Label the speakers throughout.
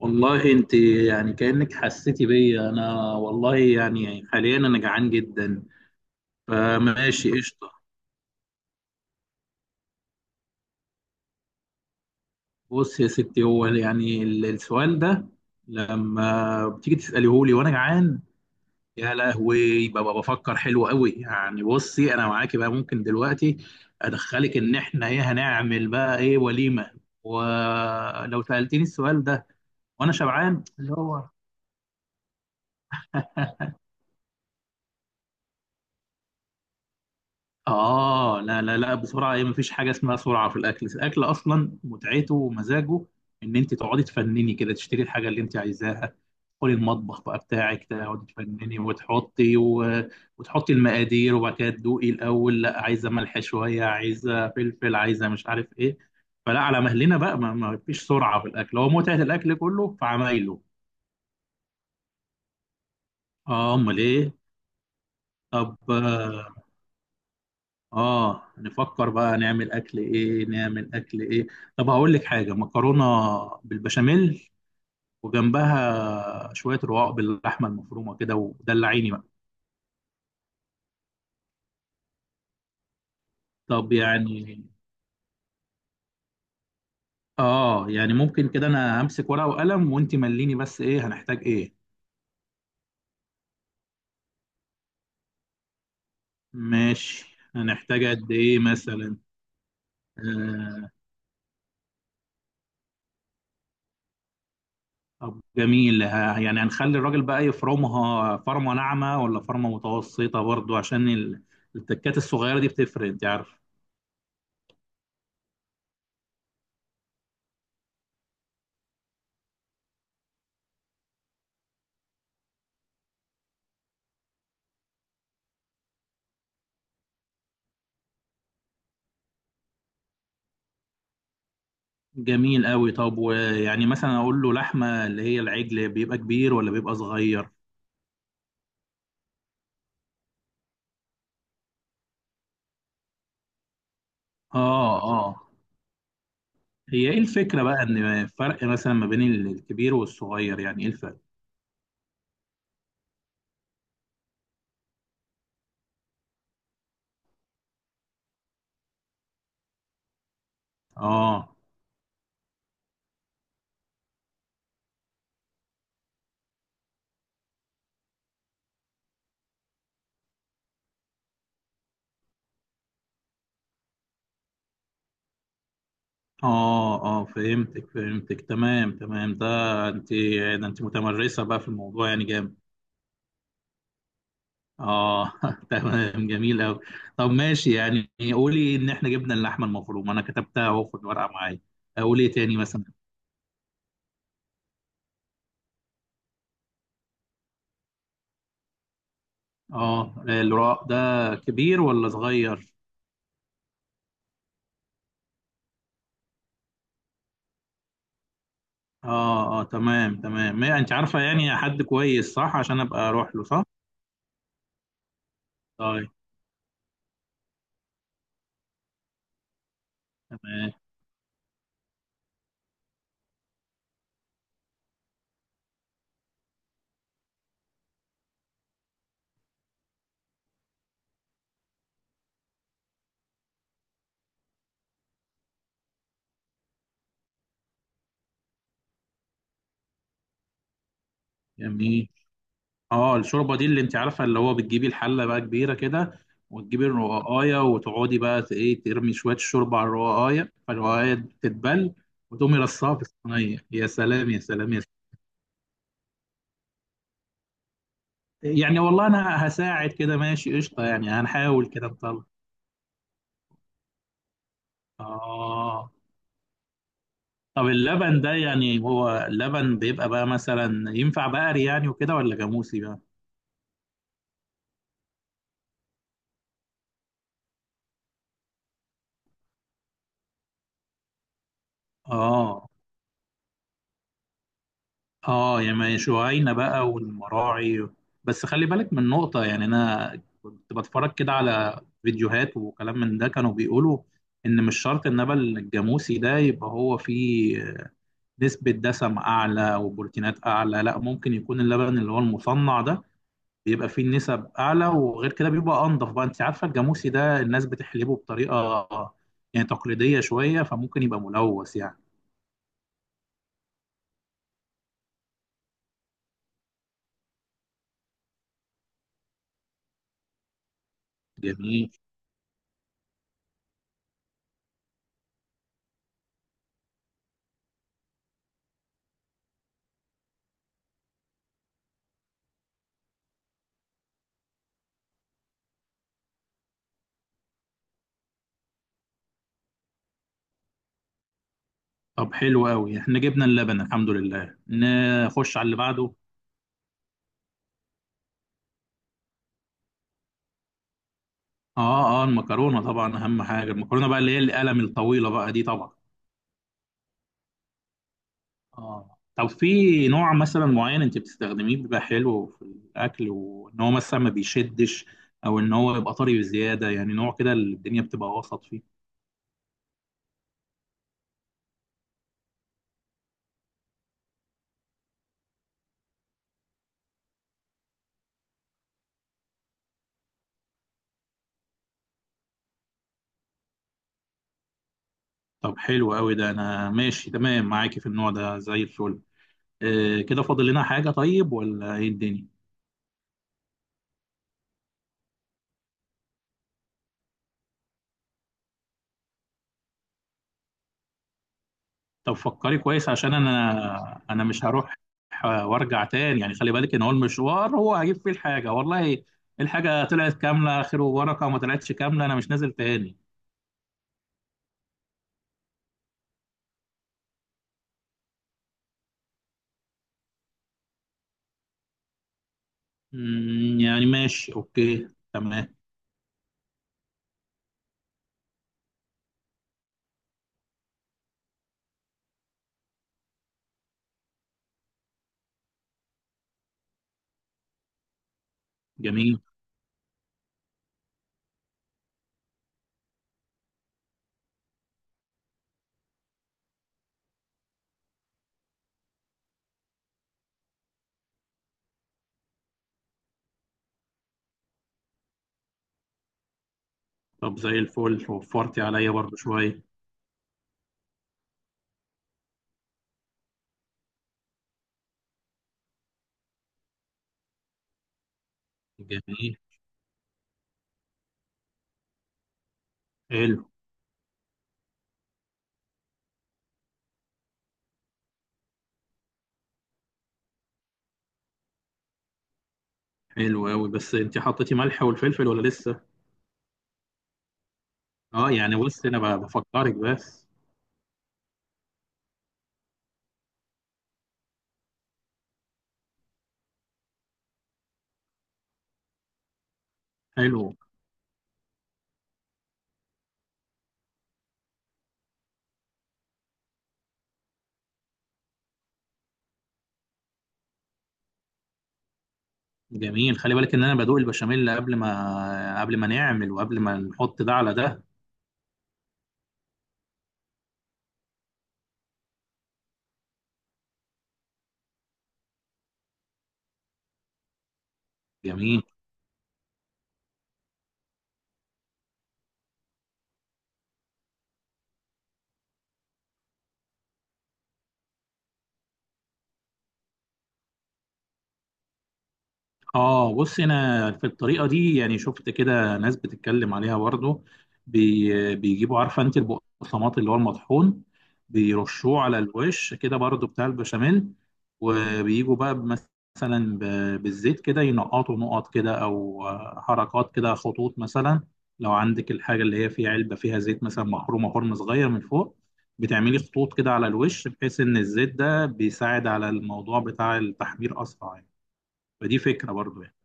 Speaker 1: والله انت يعني كأنك حسيتي بيا. انا والله يعني حاليا انا جعان جدا، فماشي قشطة. بص يا ستي، هو يعني السؤال ده لما بتيجي تسأليه لي وانا جعان، يا لهوي ببقى بفكر حلو قوي. يعني بصي، انا معاكي بقى، ممكن دلوقتي ادخلك ان احنا ايه هنعمل بقى، ايه، وليمة. ولو سألتني السؤال ده وانا شبعان اللي هو آه لا لا لا، بسرعة إيه؟ مفيش حاجة اسمها سرعة في الأكل، الأكل أصلا متعته ومزاجه إن أنت تقعدي تفنني كده، تشتري الحاجة اللي أنت عايزاها، تدخلي المطبخ بقى بتاعك، تقعدي تفنني وتحطي المقادير، وبعد كده تدوقي الأول، لا عايزة ملح شوية، عايزة فلفل، عايزة مش عارف إيه، فلا، على مهلنا بقى، ما فيش سرعة في الأكل، هو متعة الأكل كله في عمايله. آه أمال إيه؟ طب، اه نفكر بقى نعمل اكل ايه، نعمل اكل ايه. طب هقول لك حاجه، مكرونه بالبشاميل، وجنبها شويه رقاق باللحمه المفرومه كده، ودلعيني بقى. طب يعني، اه يعني ممكن كده، انا همسك ورقه وقلم وانت مليني بس ايه، هنحتاج ايه. ماشي، هنحتاج قد ايه مثلا. آه. طب جميل، يعني هنخلي الراجل بقى يفرمها فرمه ناعمه ولا فرمه متوسطه، برضو عشان التكات الصغيره دي بتفرق انت عارف. جميل قوي. طب ويعني مثلا اقول له لحمه اللي هي العجل بيبقى كبير ولا بيبقى صغير. اه اه. هي ايه الفكره بقى ان فرق مثلا ما بين الكبير والصغير، يعني ايه الفرق. اه اه اه، فهمتك فهمتك، تمام تمام. ده انت، ده انت متمرسه بقى في الموضوع، يعني جامد. اه تمام، جميل قوي. طب ماشي، يعني قولي ان احنا جبنا اللحمه المفرومه، انا كتبتها اهو في الورقه معايا. اقول ايه تاني مثلا. اه، الرق ده كبير ولا صغير. اه اه تمام تمام، ما انت عارفه يعني حد كويس، صح، عشان ابقى اروح له، صح. طيب. تمام. جميل. اه، الشوربه دي اللي انت عارفه اللي هو بتجيبي الحله بقى كبيره كده، وتجيبي الرقاقايه وتقعدي بقى ايه ترمي شويه الشوربه على الرقاقايه، فالرقاقايه تتبل، وتقومي رصاها في الصينيه، يا سلام يا سلام يا سلام. يعني والله انا هساعد كده، ماشي قشطه، يعني هنحاول كده نطلع. اه. طب اللبن ده يعني، هو اللبن بيبقى بقى مثلا ينفع بقري يعني وكده ولا جاموسي بقى. اه اه، يعني شعينة بقى والمراعي. بس خلي بالك من نقطة، يعني أنا كنت بتفرج كده على فيديوهات وكلام من ده، كانوا بيقولوا إن مش شرط النبل الجاموسي ده يبقى هو فيه نسبة دسم أعلى وبروتينات أعلى، لا، ممكن يكون اللبن اللي هو المصنع ده بيبقى فيه نسب أعلى. وغير كده بيبقى أنضف بقى، أنت عارفة الجاموسي ده الناس بتحلبه بطريقة يعني تقليدية شوية، فممكن يبقى ملوث يعني. جميل. طب حلو قوي، احنا جبنا اللبن الحمد لله، نخش على اللي بعده. اه اه، المكرونه طبعا اهم حاجه، المكرونه بقى اللي هي القلم الطويله بقى دي طبعا. اه. طب في نوع مثلا معين انت بتستخدميه بيبقى حلو في الاكل، وان هو مثلا ما بيشدش او ان هو يبقى طري بزياده، يعني نوع كده اللي الدنيا بتبقى وسط فيه. طب حلو قوي، ده انا ماشي تمام معاكي في النوع ده زي الفل. آه كده فاضل لنا حاجه طيب ولا ايه الدنيا. طب فكري كويس عشان انا مش هروح وارجع تاني، يعني خلي بالك ان هو المشوار، هو هجيب فيه الحاجه، والله الحاجه طلعت كامله خير وبركه، وما طلعتش كامله انا مش نازل تاني. يعني ماشي اوكي تمام. جميل. طب زي الفل، وفرتي عليا برضو شويه. جميل. حلو. حلو قوي، بس انت حطيتي ملح والفلفل ولا لسه. اه يعني بص انا بفكرك بس. حلو. جميل، خلي بالك ان انا بدوق البشاميل قبل ما نعمل، وقبل ما نحط ده على ده. جميل. اه بص، انا في الطريقه دي يعني شفت كده ناس بتتكلم عليها برضه، بيجيبوا، عارفه انت، البقسماط اللي هو المطحون، بيرشوه على الوش كده برضه بتاع البشاميل، وبيجوا بقى مثلا بالزيت كده، ينقطوا نقط كده او حركات كده، خطوط مثلا. لو عندك الحاجه اللي هي فيها علبه فيها زيت مثلا، محرومه حرم صغير من فوق، بتعملي خطوط كده على الوش، بحيث ان الزيت ده بيساعد على الموضوع بتاع التحمير اسرع يعني. فدي فكرة برضو يعني.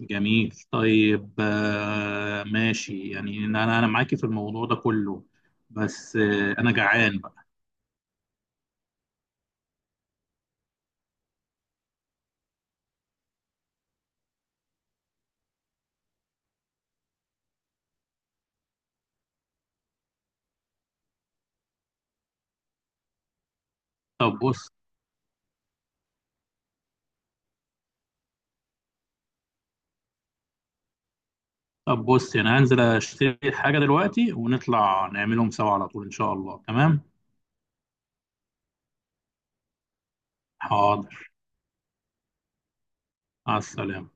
Speaker 1: جميل. طيب آه ماشي، يعني انا، انا معاكي في الموضوع ده كله، بس آه انا جعان بقى. طب بص. طب بص، يعني هنزل اشتري حاجة دلوقتي، ونطلع نعملهم سوا على طول ان شاء الله. تمام. حاضر. مع السلامة.